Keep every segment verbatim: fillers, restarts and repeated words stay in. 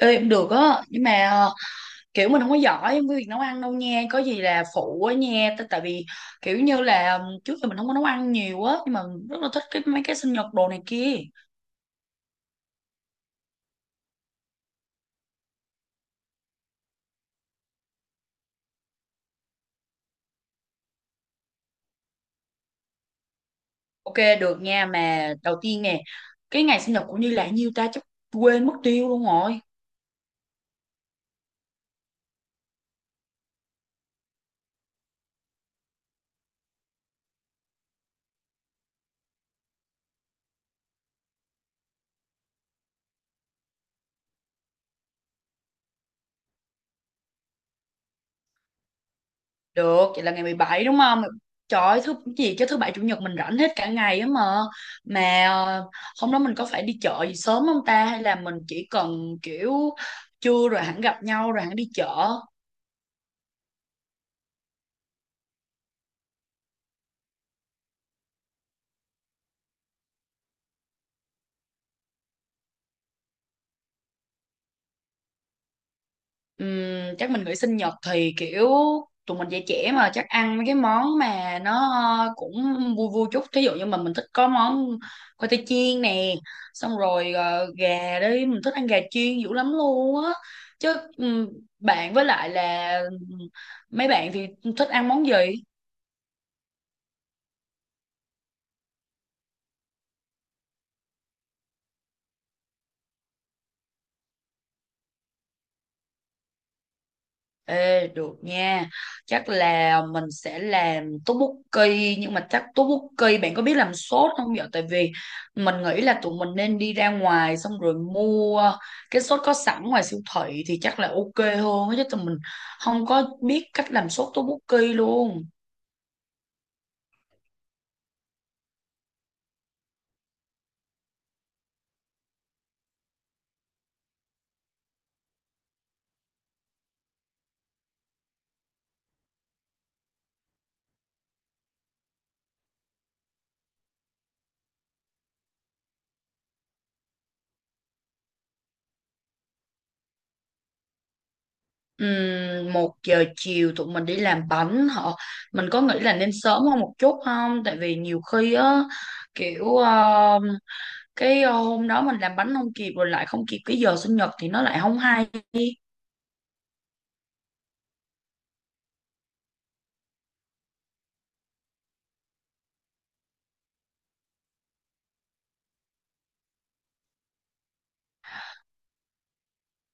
Ê, cũng được á nhưng mà ờ, kiểu mình không có giỏi với việc nấu ăn đâu nha, có gì là phụ á nha. T- tại vì kiểu như là ừm, trước giờ mình không có nấu ăn nhiều á nhưng mà rất là thích cái mấy cái sinh nhật đồ này kia. Ok, được nha. Mà đầu tiên nè, cái ngày sinh nhật của Như là nhiêu ta? Chắc quên mất tiêu luôn rồi. Được, vậy là ngày mười bảy đúng không? Trời ơi, thứ gì chứ thứ bảy chủ nhật mình rảnh hết cả ngày á mà. Mà ờ, hôm đó mình có phải đi chợ gì sớm không ta, hay là mình chỉ cần kiểu trưa rồi hẳn gặp nhau rồi hẳn đi chợ? Ừm, chắc mình nghĩ sinh nhật thì kiểu tụi mình dạy trẻ mà, chắc ăn mấy cái món mà nó cũng vui vui chút, thí dụ như mình mình thích có món khoai tây chiên nè, xong rồi ờ, gà đi, mình thích ăn gà chiên dữ lắm luôn á. Chứ ừm, bạn với lại là mấy bạn thì thích ăn món gì? Ê, được nha. Chắc là mình sẽ làm tteokbokki, nhưng mà chắc tteokbokki bạn có biết làm sốt không vậy? Tại vì mình nghĩ là tụi mình nên đi ra ngoài xong rồi mua cái sốt có sẵn ngoài siêu thị thì chắc là ok hơn á, chứ tụi mình không có biết cách làm sốt tteokbokki luôn. Ừm, một giờ chiều tụi mình đi làm bánh họ, mình có nghĩ là nên sớm hơn một chút không, tại vì nhiều khi á kiểu ờ, cái ờ, hôm đó mình làm bánh không kịp rồi lại không kịp cái giờ sinh nhật thì nó lại không hay.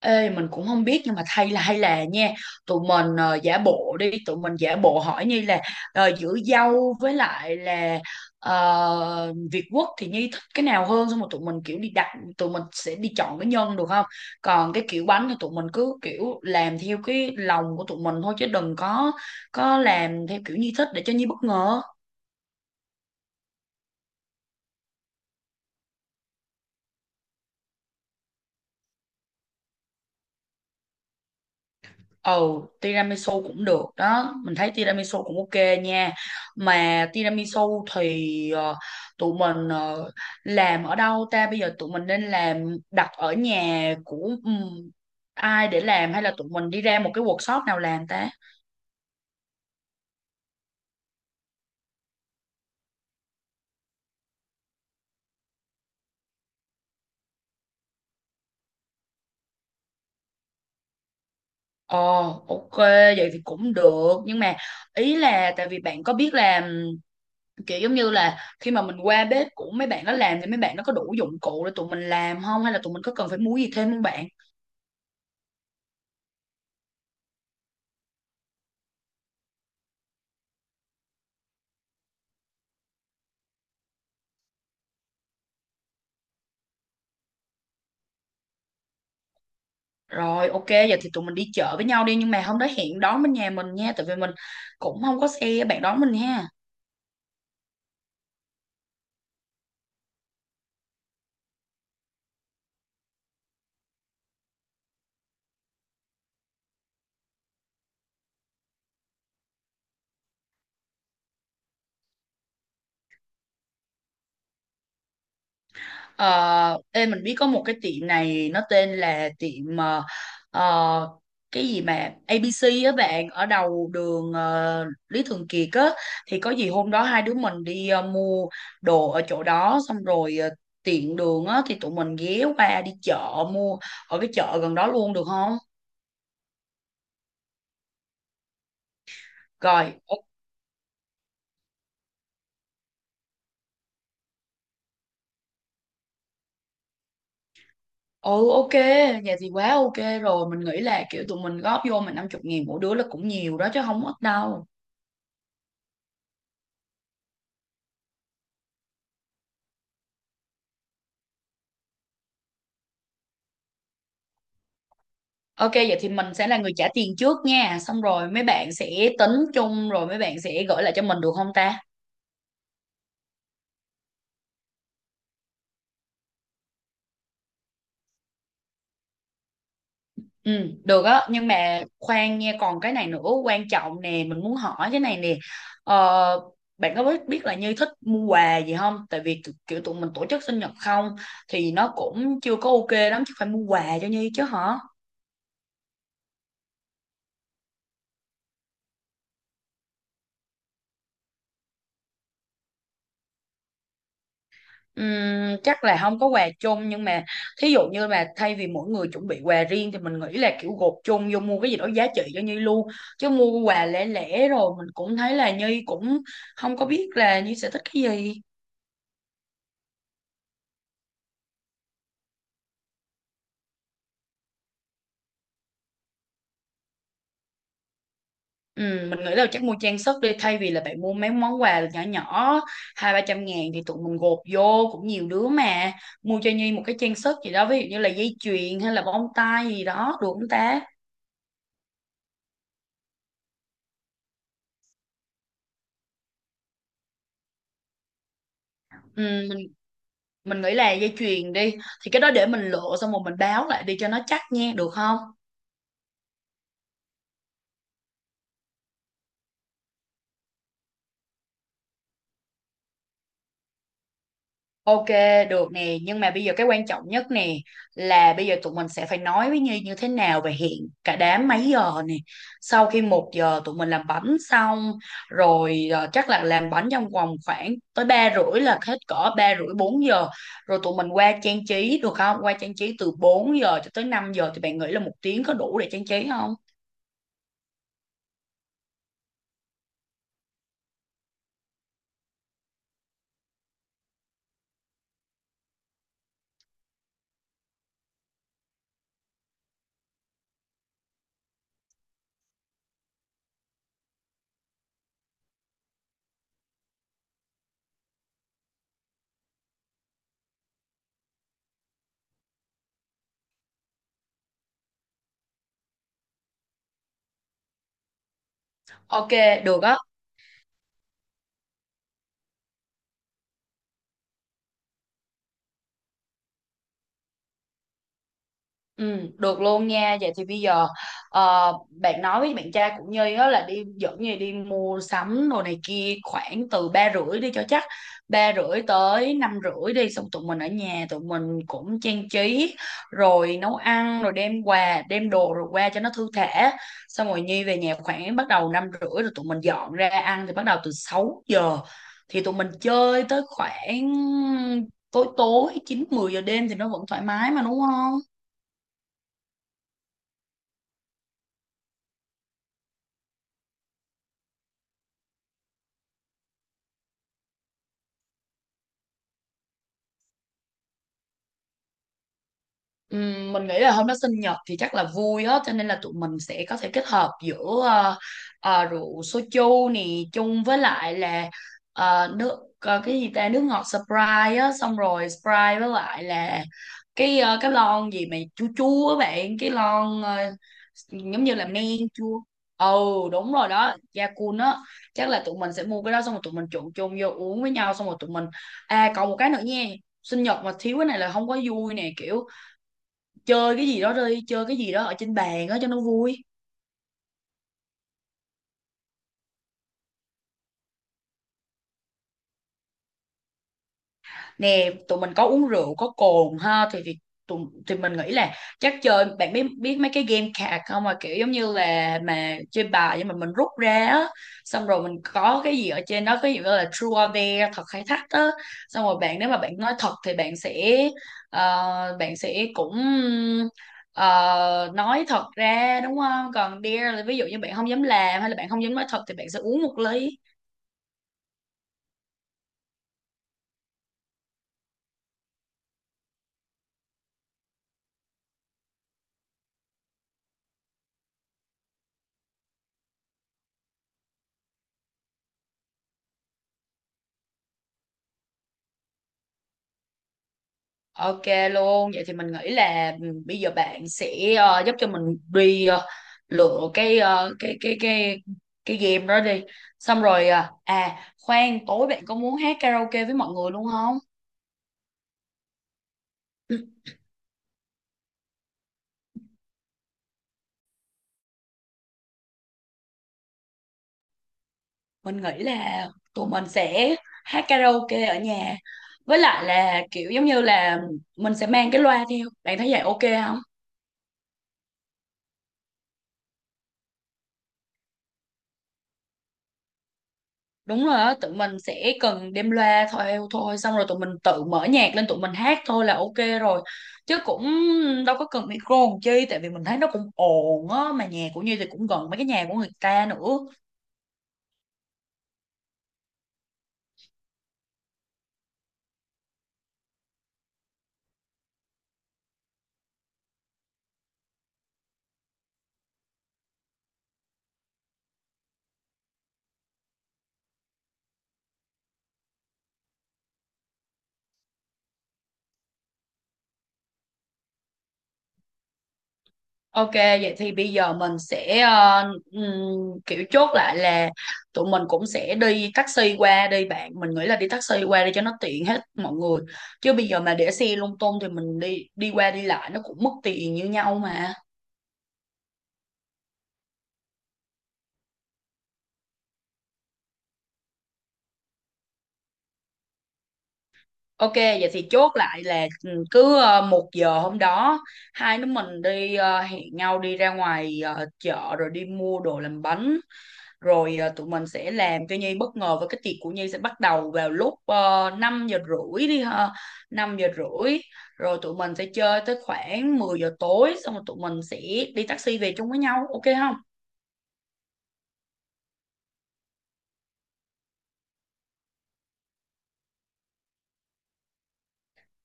Ê mình cũng không biết nhưng mà thay là hay là nha, tụi mình ờ, giả bộ đi, tụi mình giả bộ hỏi Nhi là ờ, giữa dâu với lại là ờ, Việt Quất thì Nhi thích cái nào hơn, xong rồi tụi mình kiểu đi đặt, tụi mình sẽ đi chọn cái nhân được không? Còn cái kiểu bánh thì tụi mình cứ kiểu làm theo cái lòng của tụi mình thôi chứ đừng có có làm theo kiểu Nhi thích, để cho Nhi bất ngờ. Ừ, tiramisu cũng được đó. Mình thấy tiramisu cũng ok nha. Mà tiramisu thì ờ, tụi mình ờ, làm ở đâu ta? Bây giờ tụi mình nên làm đặt ở nhà của ừm, ai để làm, hay là tụi mình đi ra một cái workshop nào làm ta? Ờ, ok, vậy thì cũng được. Nhưng mà ý là tại vì bạn có biết làm kiểu giống như là khi mà mình qua bếp của mấy bạn nó làm thì mấy bạn nó có đủ dụng cụ để tụi mình làm không? Hay là tụi mình có cần phải mua gì thêm không bạn? Rồi ok, vậy thì tụi mình đi chợ với nhau đi, nhưng mà hôm đó hẹn đón bên nhà mình nha, tại vì mình cũng không có xe, bạn đón mình ha. Ờ ê mình biết có một cái tiệm này, nó tên là tiệm ờ, ờ, cái gì mà a bê xê á bạn, ở đầu đường ờ, Lý Thường Kiệt á, thì có gì hôm đó hai đứa mình đi ờ, mua đồ ở chỗ đó, xong rồi ờ, tiện đường á thì tụi mình ghé qua đi chợ mua ở cái chợ gần đó luôn được không? Rồi. Ừ ok, vậy thì quá ok rồi. Mình nghĩ là kiểu tụi mình góp vô, mình năm chục nghìn mỗi đứa là cũng nhiều đó chứ không ít đâu. Ok, vậy thì mình sẽ là người trả tiền trước nha. Xong rồi mấy bạn sẽ tính chung, rồi mấy bạn sẽ gửi lại cho mình được không ta? Ừ được á. Nhưng mà khoan nha, còn cái này nữa quan trọng nè. Mình muốn hỏi cái này nè, ờ, bạn có biết, biết là Như thích mua quà gì không? Tại vì tụ- kiểu tụi mình tổ chức sinh nhật không, thì nó cũng chưa có ok lắm, chứ phải mua quà cho Như chứ hả? Ừm, chắc là không có quà chung, nhưng mà thí dụ như là thay vì mỗi người chuẩn bị quà riêng thì mình nghĩ là kiểu gộp chung vô mua cái gì đó giá trị cho Nhi luôn, chứ mua quà lẻ lẻ rồi mình cũng thấy là Nhi cũng không có biết là Nhi sẽ thích cái gì. Ừm, mình nghĩ là chắc mua trang sức đi, thay vì là bạn mua mấy món quà nhỏ nhỏ hai ba trăm ngàn thì tụi mình gộp vô cũng nhiều đứa mà, mua cho Nhi một cái trang sức gì đó, ví dụ như là dây chuyền hay là bông tai gì đó được không ta? Ừm, mình nghĩ là dây chuyền đi, thì cái đó để mình lựa xong rồi mình báo lại đi cho nó chắc nha, được không? Ok được nè, nhưng mà bây giờ cái quan trọng nhất nè là bây giờ tụi mình sẽ phải nói với Nhi như thế nào và hẹn cả đám mấy giờ nè? Sau khi một giờ tụi mình làm bánh xong, rồi ờ, chắc là làm bánh trong vòng khoảng tới ba rưỡi là hết cỡ, ba rưỡi bốn giờ rồi tụi mình qua trang trí được không, qua trang trí từ bốn giờ cho tới năm giờ thì bạn nghĩ là một tiếng có đủ để trang trí không? Ok được á. Ừ, được luôn nha. Vậy thì bây giờ ờ, bạn nói với bạn trai của Nhi á là đi dẫn Nhi đi mua sắm đồ này kia khoảng từ ba rưỡi đi cho chắc, ba rưỡi tới năm rưỡi đi, xong tụi mình ở nhà tụi mình cũng trang trí rồi nấu ăn rồi đem quà đem đồ rồi qua cho nó thư thả, xong rồi Nhi về nhà khoảng bắt đầu năm rưỡi rồi tụi mình dọn ra ăn thì bắt đầu từ sáu giờ, thì tụi mình chơi tới khoảng tối tối chín mười giờ đêm thì nó vẫn thoải mái mà đúng không? Ừm, mình nghĩ là hôm đó sinh nhật thì chắc là vui á cho nên là tụi mình sẽ có thể kết hợp giữa ờ, ờ, rượu soju nè chung với lại là ờ, nước ờ, cái gì ta, nước ngọt Sprite á, xong rồi Sprite với lại là cái ờ, cái lon gì mà chua chua á bạn, cái lon ờ, giống như là men chua. Ừ đúng rồi đó, da cun á. Chắc là tụi mình sẽ mua cái đó xong rồi tụi mình trộn chung vô uống với nhau, xong rồi tụi mình à còn một cái nữa nha, sinh nhật mà thiếu cái này là không có vui nè, kiểu chơi cái gì đó, đi chơi cái gì đó ở trên bàn á cho nó vui. Nè tụi mình có uống rượu có cồn ha, thì thì tụi, thì mình nghĩ là chắc chơi, bạn biết biết mấy cái game card không, mà kiểu giống như là mà chơi bài nhưng mà mình rút ra á, xong rồi mình có cái gì ở trên đó, cái gì gọi là true or dare, thật hay thách á, xong rồi bạn nếu mà bạn nói thật thì bạn sẽ ờ, bạn sẽ cũng ờ, nói thật ra đúng không, còn dare là ví dụ như bạn không dám làm hay là bạn không dám nói thật thì bạn sẽ uống một ly. Ok luôn, vậy thì mình nghĩ là bây giờ bạn sẽ ờ, giúp cho mình đi ờ, lựa cái ờ, cái cái cái cái game đó đi. Xong rồi ờ, à khoan, tối bạn có muốn hát karaoke với mọi người luôn không? Ừ, mình nghĩ là tụi mình sẽ hát karaoke ở nhà. Với lại là kiểu giống như là mình sẽ mang cái loa theo. Bạn thấy vậy ok không? Đúng rồi á, tụi mình sẽ cần đem loa theo thôi, xong rồi tụi mình tự mở nhạc lên tụi mình hát thôi là ok rồi, chứ cũng đâu có cần micro làm chi, tại vì mình thấy nó cũng ồn á mà nhà của Như thì cũng gần mấy cái nhà của người ta nữa. Ok vậy thì bây giờ mình sẽ ờ, ừm, kiểu chốt lại là tụi mình cũng sẽ đi taxi qua đi bạn, mình nghĩ là đi taxi qua đi cho nó tiện hết mọi người, chứ bây giờ mà để xe lung tung thì mình đi đi qua đi lại nó cũng mất tiền như nhau mà. Ok, vậy thì chốt lại là ừ, cứ ờ, một giờ hôm đó hai đứa mình đi ờ, hẹn nhau đi ra ngoài ờ, chợ rồi đi mua đồ làm bánh, rồi ờ, tụi mình sẽ làm cho Nhi bất ngờ và cái tiệc của Nhi sẽ bắt đầu vào lúc uh, năm giờ rưỡi đi ha. năm giờ rưỡi rồi tụi mình sẽ chơi tới khoảng mười giờ tối, xong rồi tụi mình sẽ đi taxi về chung với nhau ok không?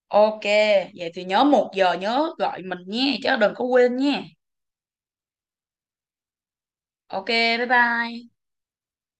Ok, vậy thì nhớ một giờ nhớ gọi mình nha chứ đừng có quên nha. Ok, bye bye.